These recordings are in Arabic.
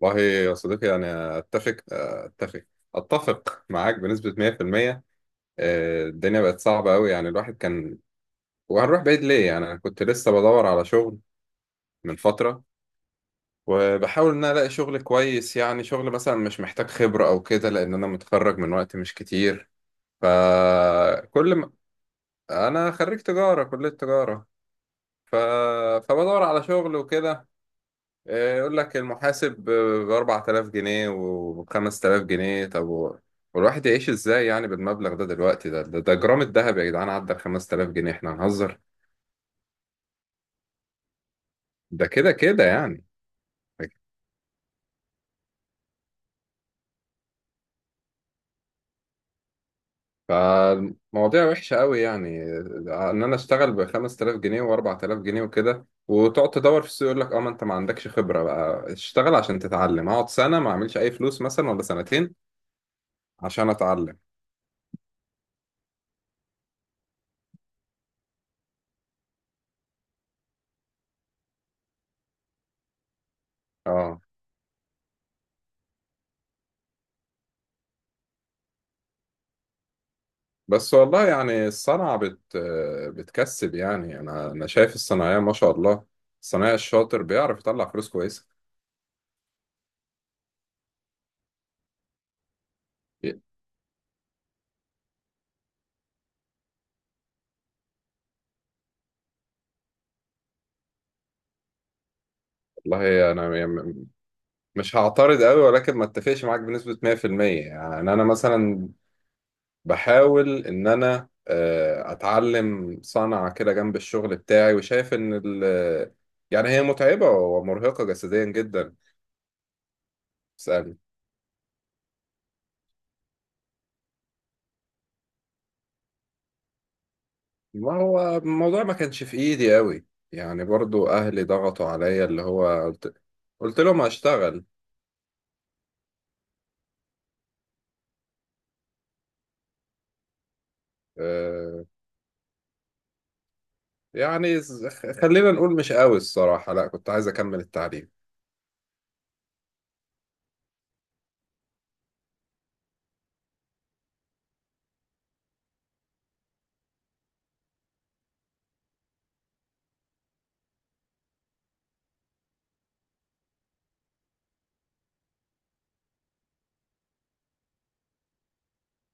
والله يا صديقي، أنا أتفق معاك بنسبة 100%. آه، الدنيا بقت صعبة أوي. يعني الواحد كان وهنروح بعيد ليه؟ يعني أنا كنت لسه بدور على شغل من فترة، وبحاول إن أنا ألاقي شغل كويس، يعني شغل مثلا مش محتاج خبرة أو كده، لأن أنا متخرج من وقت مش كتير. فكل ما أنا خريج تجارة، كلية تجارة. ف... فبدور على شغل وكده. آه، يقول لك المحاسب ب 4000 جنيه و 5000 جنيه. والواحد يعيش ازاي يعني بالمبلغ ده؟ دلوقتي ده جرام الذهب يا جدعان عدى ال 5000 جنيه، احنا هنهزر؟ ده كده كده يعني. فالمواضيع وحشة قوي، يعني ان انا اشتغل ب 5000 جنيه و 4000 جنيه وكده، وتقعد تدور في السوق يقول لك اه ما انت ما عندكش خبرة، بقى اشتغل عشان تتعلم، اقعد سنة ما اعملش اي فلوس مثلا ولا سنتين عشان اتعلم. اه بس والله، يعني الصنعة بتكسب. يعني أنا شايف الصناعية ما شاء الله، الصنايعي الشاطر بيعرف يطلع فلوس كويسة. والله أنا مش هعترض قوي، ولكن ما اتفقش معاك بنسبة 100%. يعني أنا مثلا بحاول إن أنا، آه، أتعلم صنعة كده جنب الشغل بتاعي، وشايف إن يعني هي متعبة ومرهقة جسديا جدا. ما هو الموضوع ما كانش في ايدي قوي، يعني برضو اهلي ضغطوا عليا، اللي هو قلت لهم هشتغل. آه، يعني ز- خلينا نقول مش قوي الصراحة، لا كنت عايز اكمل التعليم.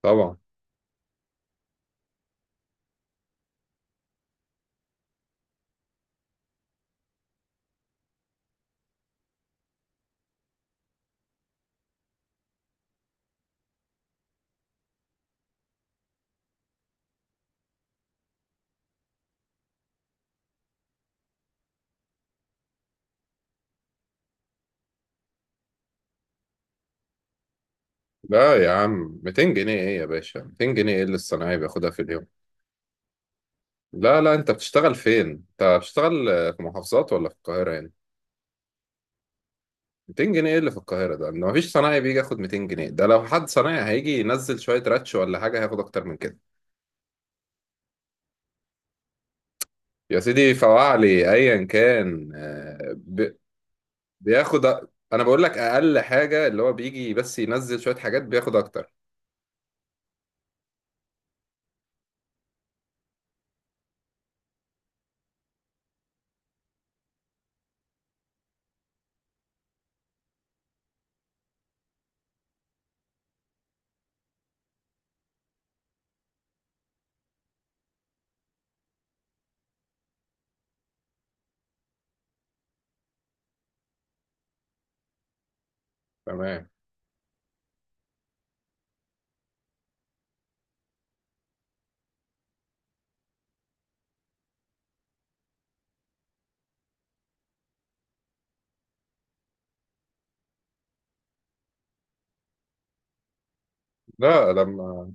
طبعا. لا يا عم، 200 جنيه ايه يا باشا؟ 200 جنيه ايه اللي الصنايعي بياخدها في اليوم؟ لا لا، انت بتشتغل فين؟ انت بتشتغل، آه، في محافظات ولا في القاهرة يعني؟ 200 جنيه ايه اللي في القاهرة ده؟ ان مفيش صنايعي بيجي ياخد 200 جنيه. ده لو حد صنايعي هيجي ينزل شوية راتش ولا حاجة هياخد اكتر من كده. يا سيدي فواعلي ايا كان، بياخد أ- انا بقول لك اقل حاجه، اللي هو بيجي بس ينزل شويه حاجات بياخد اكتر. تمام. لا لما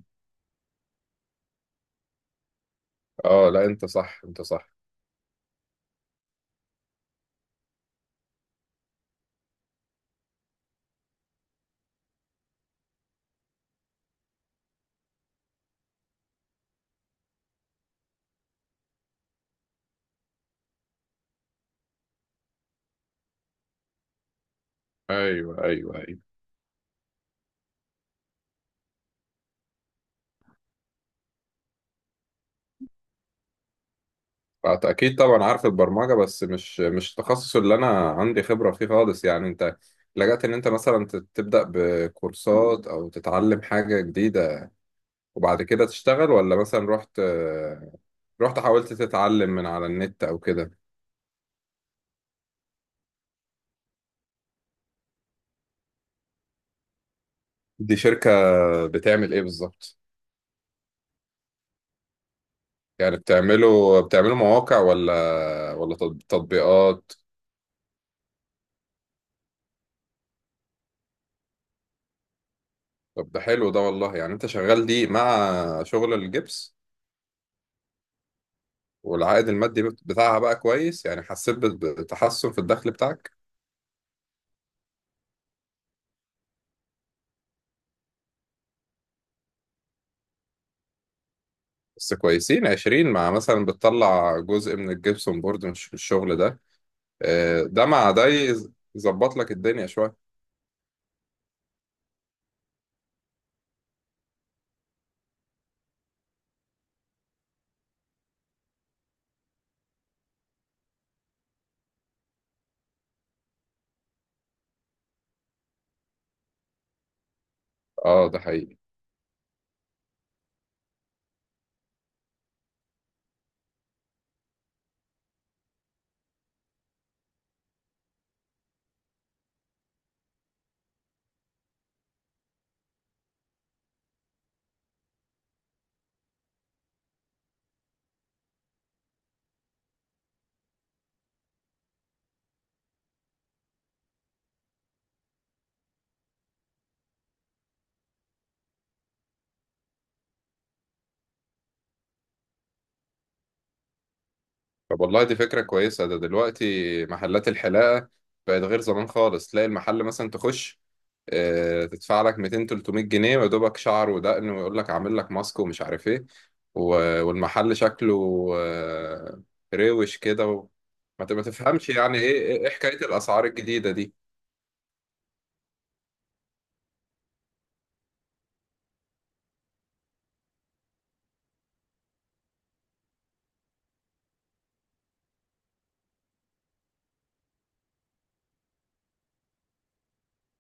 اه لا، انت صح انت صح. ايوه ايوه ايوه. اكيد طبعا عارف البرمجه، بس مش التخصص اللي انا عندي خبره فيه خالص. يعني انت لجأت ان انت مثلا تبدأ بكورسات او تتعلم حاجه جديده وبعد كده تشتغل؟ ولا مثلا رحت حاولت تتعلم من على النت او كده؟ دي شركة بتعمل ايه بالظبط؟ يعني بتعملوا مواقع ولا تطبيقات؟ طب ده حلو ده، والله يعني انت شغال دي مع شغل الجبس. والعائد المادي بتاعها بقى كويس يعني؟ حسيت بتحسن في الدخل بتاعك؟ بس كويسين 20، مع مثلا بتطلع جزء من الجبسون بورد من الشغل ده. آه، ده مع ده يظبط لك الدنيا شوية. اه ده حقيقي. طب والله دي فكرة كويسة. ده دلوقتي محلات الحلاقة بقت غير زمان خالص، تلاقي المحل مثلا تخش، آه، تدفع لك 200 300 جنيه، ويدوبك شعر ودقن ويقول لك عامل لك ماسك ومش عارف ايه. والمحل شكله، آه، روش كده ما تفهمش يعني ايه ايه إيه حكاية الأسعار الجديدة دي؟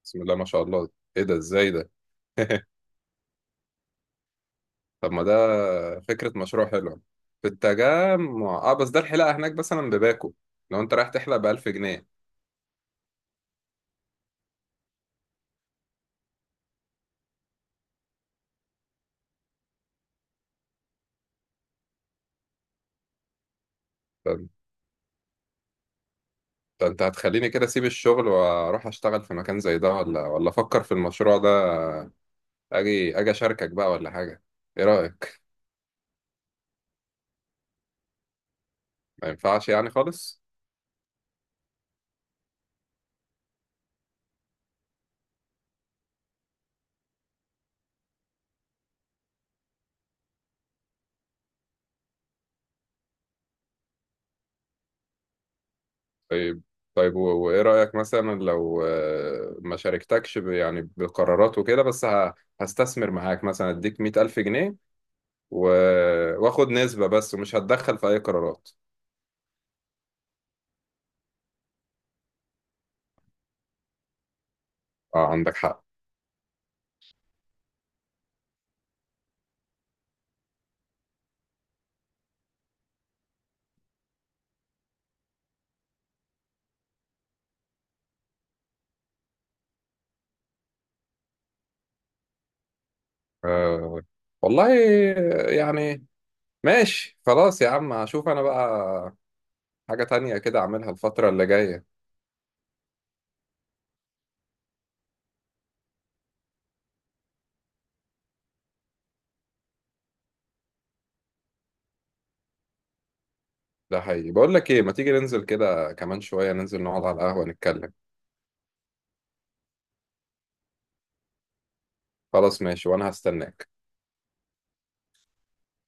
بسم الله ما شاء الله، ايه ده؟ ازاي ده؟ طب ما ده فكرة مشروع حلوة. في التجمع. اه بس ده الحلاقة هناك مثلا بباكو، لو انت رايح تحلق ب1000 جنيه. ده انت هتخليني كده اسيب الشغل واروح اشتغل في مكان زي ده، ولا افكر في المشروع ده، اجي اشاركك بقى ولا حاجة. ايه رأيك؟ ما ينفعش يعني خالص. طيب. طيب، وايه رأيك مثلا لو، آه، ما شاركتكش يعني بقرارات وكده، بس هستثمر معاك، مثلا اديك 100,000 جنيه و... واخد نسبة بس، ومش هتدخل في اي قرارات. اه عندك حق. آه والله، يعني ماشي خلاص يا عم، هشوف انا بقى حاجة تانية كده اعملها الفترة اللي جاية. ده حقيقي. بقول لك ايه، ما تيجي ننزل كده كمان شوية، ننزل نقعد على القهوة نتكلم. خلاص ماشي، وانا هستناك.